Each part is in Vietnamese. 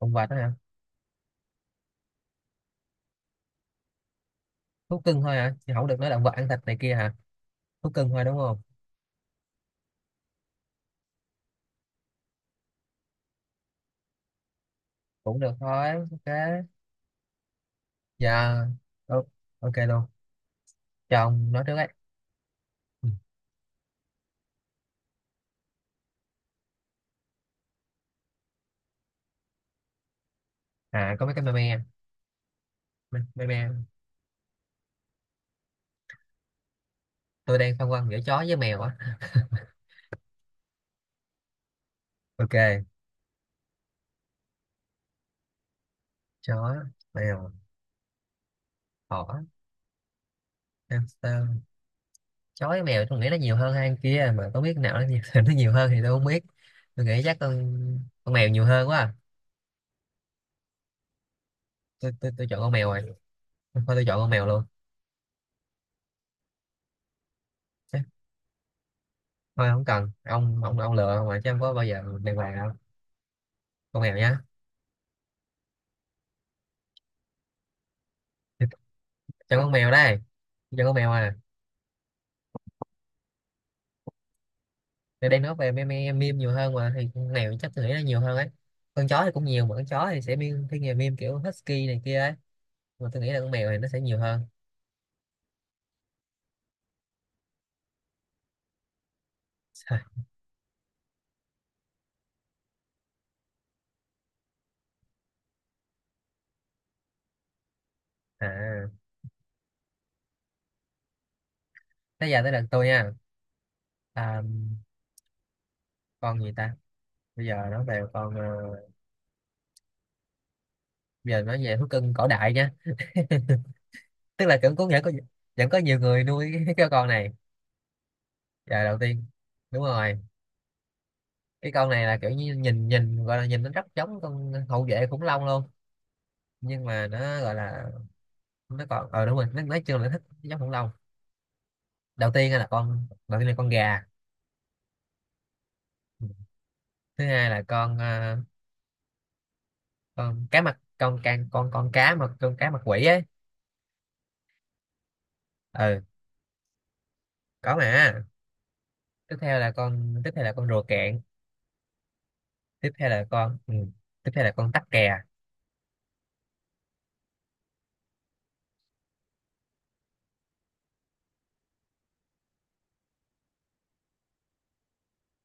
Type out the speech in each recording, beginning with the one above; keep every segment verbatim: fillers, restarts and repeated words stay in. Động vật đó hả? Thú cưng thôi hả, chứ không được nói động vật ăn thịt này kia hả? Thú cưng thôi đúng không? Cũng được thôi, ok. Dạ. Ô- ok luôn. Cho ông nói trước ấy. Ừ. À có mấy cái meme. Meme meme Tôi đang phân vân giữa chó với mèo á. Ok. Chó, mèo, thỏ, hamster. Chó với mèo tôi nghĩ nó nhiều hơn hai con kia, mà có biết nào nó nhiều, nó nhiều hơn thì tôi không biết. Tôi nghĩ chắc con con mèo nhiều hơn quá à. tôi, tôi tôi chọn con mèo rồi. Thôi tôi chọn con mèo luôn. Chắc- Thôi không cần, ông ông ông lựa mà chứ không có bao giờ đàng hoàng đâu. Con mèo nhá. Cho con mèo đây. Cho con mèo à. Nên đang nói về meme meme nhiều hơn mà, thì con mèo chắc tôi nghĩ là nhiều hơn ấy. Con chó thì cũng nhiều, mà con chó thì sẽ meme, thiên về meme kiểu husky này kia ấy, mà tôi nghĩ là con mèo thì nó sẽ nhiều hơn. À, thế giờ tới lượt tôi nha. à, con gì ta. bây giờ nói về con ờ, Bây giờ nói về thú cưng cổ đại nhá. Tức là cũng có nghĩa có vẫn có nhiều người nuôi cái, cái con này. Giờ đầu tiên, đúng rồi, cái con này là kiểu như nhìn nhìn gọi là nhìn nó rất giống con hậu vệ khủng long luôn. Nhưng mà nó gọi là, nó còn ờ đúng rồi, nó nói chung là thích giống khủng long. Đầu tiên là con đầu tiên là con gà. Thứ hai là con ờ, con cá mặt con can con con cá mà con cá mặt quỷ ấy. Ừ. Có mà. Tiếp theo là con tiếp theo là con rùa cạn. Tiếp theo là con ừ. Tiếp theo là con tắc kè.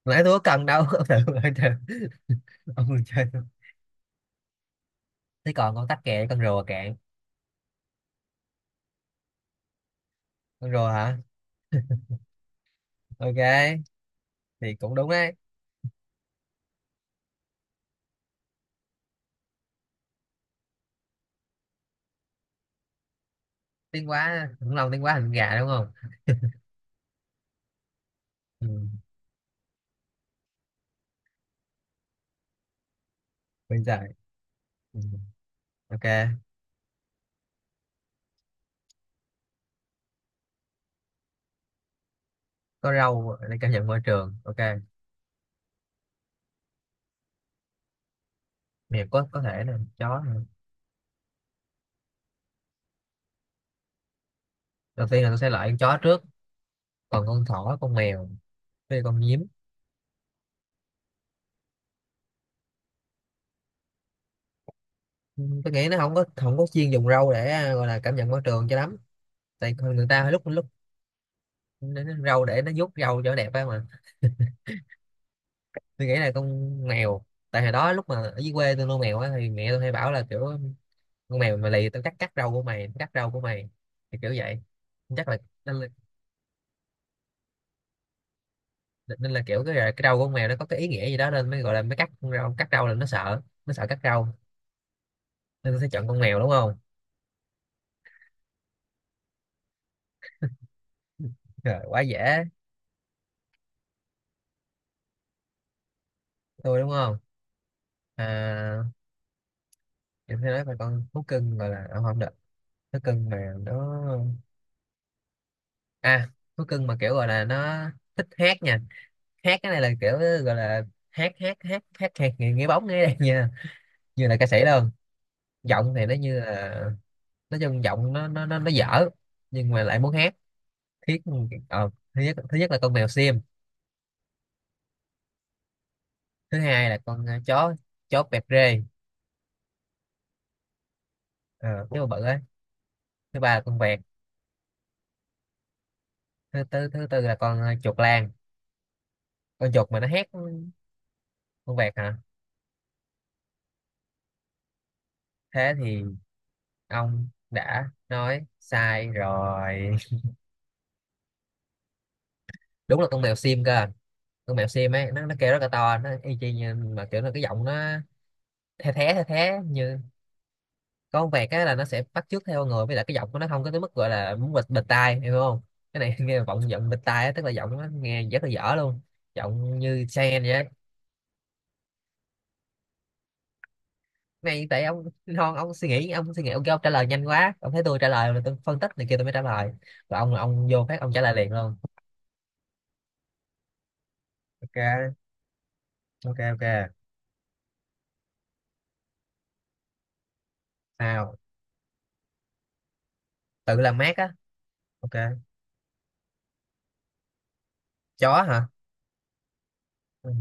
Nãy tôi có cần đâu. Ông thử ông chơi. Ông còn chơi không? Thế còn con tắc kè con rùa cạn. Con rùa hả? Ok. Thì cũng đúng đấy. Tiếng quá khủng long, tiếng quá thành gà đúng không? Ừ. Bây giờ. Ừ. Ok. Có râu để cảm nhận môi trường, ok. Mèo, có có thể là chó nè. Đầu tiên là tôi sẽ loại con chó trước, còn con thỏ con mèo với con nhím. Ừ, tôi nghĩ nó không có không có chuyên dùng râu để à, gọi là cảm nhận môi trường cho lắm. Tại con người ta lúc lúc nó- Nó râu để nó vuốt râu cho đẹp á mà. Tôi nghĩ là con mèo. Tại hồi đó lúc mà ở dưới quê tôi nuôi mèo á thì mẹ tôi hay bảo là kiểu con mèo mà lì tao cắt cắt râu của mày, cắt râu của mày, thì kiểu vậy. Chắc là. Nên là kiểu cái, à, cái râu của con mèo nó có cái ý nghĩa gì đó, nên mới gọi là mới cắt con râu cắt râu là nó sợ, nó sợ cắt râu. Nên nó sẽ chọn con mèo đúng không. Trời, quá dễ. Tôi đúng không. À, em sẽ nói về con thú cưng gọi là, à, không được. Thú cưng mà nó, à thú cưng mà kiểu gọi là nó thích hát nha. Hát cái này là kiểu gọi là hát hát hát hát hát nghe, nghe bóng nghe đây nha. Như là ca sĩ luôn. Giọng thì nó như là, nói chung giọng nó nó nó nó dở, nhưng mà lại muốn hát thiết. ờ, thứ nhất thứ nhất là con mèo xiêm. Thứ hai là con ờ, chó, chó vẹt rê. ờ, cái bự bự ấy. Thứ ba là con vẹt. Thứ tư thứ tư là con ờ, chuột lang, con chuột mà nó hét. Con vẹt hả? Thế thì ông đã nói sai rồi. Đúng là con mèo sim cơ. Con mèo sim ấy, nó nó kêu rất là to, nó y chang như mà kiểu là cái giọng nó the thé, the thé như con vẹt á là nó sẽ bắt chước theo người, với lại cái giọng của nó không có tới mức gọi là muốn bịt bịt tai hiểu không. Cái này nghe vọng giọng bịt tai á, tức là giọng nó nghe rất là dở luôn. Giọng như Cheyenne vậy á. Này tại ông non, ông suy nghĩ ông suy nghĩ ông kêu ông trả lời nhanh quá. Ông thấy tôi trả lời là tôi phân tích này kia tôi mới trả lời, và ông là ông vô phát ông trả lời liền luôn. Ok. Ok ok Nào. Tự làm mát á, ok. Chó hả? Ừ.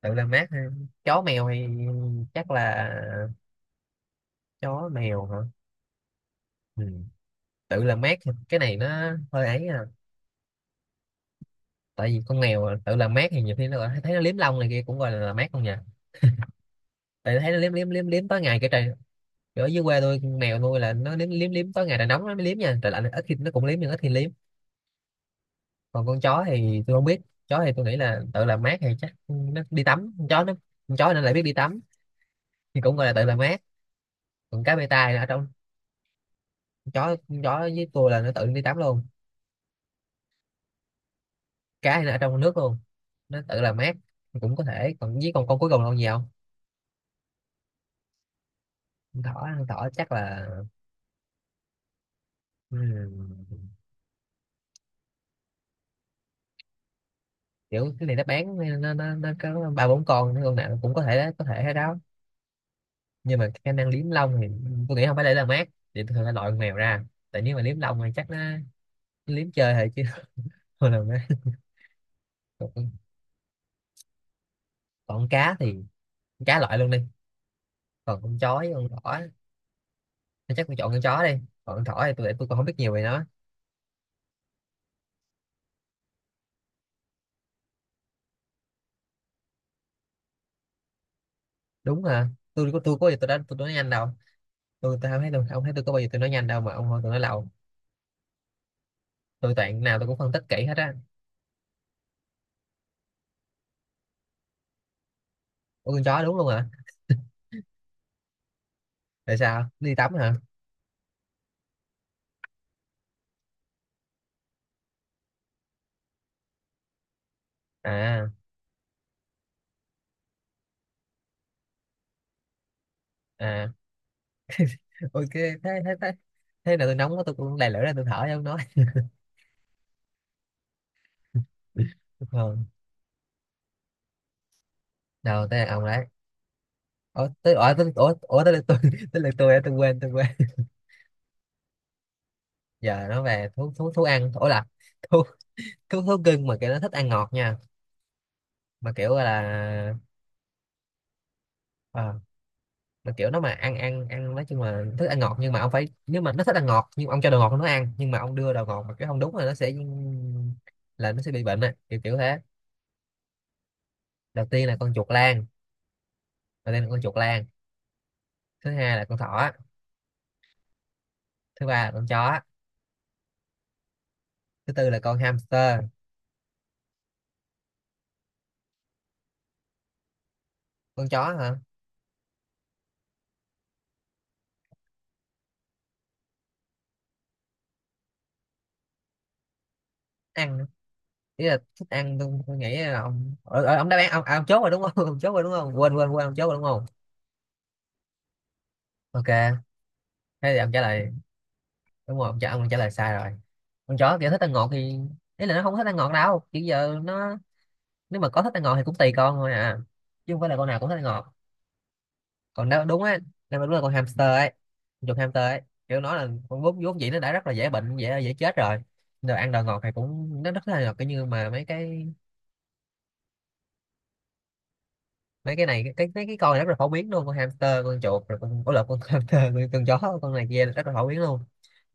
Tự làm mát ha. Chó mèo thì, chắc là chó mèo hả. Ừ. Tự làm mát thì cái này nó hơi ấy à. Tại vì con mèo tự làm mát thì nhiều khi nó gọi- thấy nó liếm lông này kia cũng gọi là làm mát không nhỉ. Tại thấy nó liếm liếm liếm liếm tối ngày cái trời. Kiểu ở dưới quê tôi mèo nuôi là nó liếm liếm liếm tối ngày, trời nóng nó mới liếm nha, trời lạnh ít khi nó cũng liếm nhưng ít khi liếm. Còn con chó thì tôi không biết. Chó thì tôi nghĩ là tự làm mát, hay chắc nó đi tắm, con chó nó, con chó nó lại biết đi tắm thì cũng gọi là tự làm mát. Còn cá bê tai là ở trong, con chó con chó với tôi là nó tự đi tắm luôn. Cá thì nó ở trong nước luôn, nó tự làm mát thì cũng có thể. Còn với con con cuối cùng là con gì không. Con thỏ, con thỏ chắc là, ừm, kiểu cái này nó bán, nó nó nó có ba bốn con con nào cũng có thể có thể hết đó. Nhưng mà khả năng liếm lông thì tôi nghĩ không phải để làm mát, thì tôi phải loại con mèo ra. Tại nếu mà liếm lông thì chắc nó liếm chơi thôi chứ không làm mát. còn, Còn con cá thì, con cá loại luôn đi. Còn con chó con thỏ thì chắc tôi chọn con chó đi. Còn con thỏ thì tôi tôi còn không biết nhiều về nó. Đúng hả. Tôi có, tôi có gì tôi đã tôi nói nhanh đâu. Tôi, tôi không thấy tôi, ông thấy tôi có bao giờ tôi nói nhanh đâu mà ông hỏi tôi nói lâu. Tôi toàn nào tôi cũng phân tích kỹ hết á. Ủa con chó đúng luôn hả? Tại sao đi tắm hả? À. À, ok. Thế thế thế Thế nào tôi nóng quá tôi cũng đè lửa ra tôi thở cho ông nói. Ờ. Đâu tới là ông đấy. Ủa tới ủa tới ủa, ủa tới lượt tôi. Tới lượt tôi á, tôi quên tôi quên Giờ nó về thú thú thú ăn ủa là thú thú thú cưng mà kiểu nó thích ăn ngọt nha, mà kiểu gọi là, ờ, mà kiểu nó mà ăn ăn ăn nói chung là thích ăn ngọt. Nhưng mà ông phải, nếu mà nó thích ăn ngọt nhưng mà ông cho đồ ngọt nó ăn, nhưng mà ông đưa đồ ngọt mà cái không đúng là nó sẽ là nó sẽ bị bệnh á, kiểu kiểu thế. đầu tiên là con chuột lang Đầu tiên là con chuột lang. Thứ hai là con thỏ. Thứ ba là con chó. Thứ tư là con hamster. Con chó hả? Ăn. Ý là thích ăn. Tôi, tôi nghĩ là ông ở, ở, ông đáp án ông, à, ông chốt rồi đúng không? Ông chốt rồi đúng không, quên quên quên ông chốt rồi đúng không? Ok. Thế thì ông trả lời, đúng rồi, ông, trả- ông trả lời sai rồi. Con chó kiểu thích ăn ngọt thì, ý là nó không thích ăn ngọt đâu, kiểu giờ nó, nếu mà có thích ăn ngọt thì cũng tùy con thôi à, chứ không phải là con nào cũng thích ăn ngọt. Còn nếu đúng á, nếu mà đúng là con hamster ấy, con chuột hamster ấy, kiểu nó là con vốn vốn dĩ nó đã rất là dễ bệnh, dễ dễ chết rồi, rồi ăn đồ ngọt thì cũng nó rất là ngọt cái như mà mấy cái, mấy cái này cái mấy cái con này rất là phổ biến luôn. Con hamster, con chuột, rồi con có lợn, con hamster, con, con chó con này kia rất là phổ biến luôn.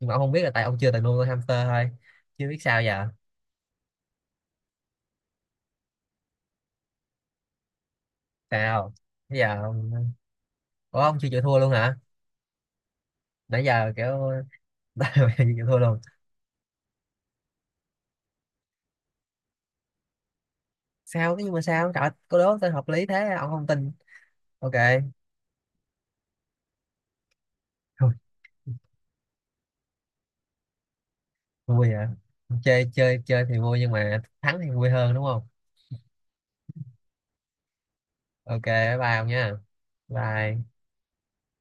Nhưng mà ông không biết là tại ông chưa từng nuôi con hamster thôi. Chưa biết sao giờ. Sao. Bây giờ ông... Ủa, ông chưa chịu thua luôn hả? Nãy giờ kiểu bây giờ chưa chịu thua luôn. Sao thế, nhưng mà sao trời ơi, cô đố tên hợp lý thế ông không tin. Ok. Thôi. Vui hả. Chơi chơi chơi thì vui, nhưng mà thắng thì vui hơn đúng không. Ok, bye bye ông nha. Bye.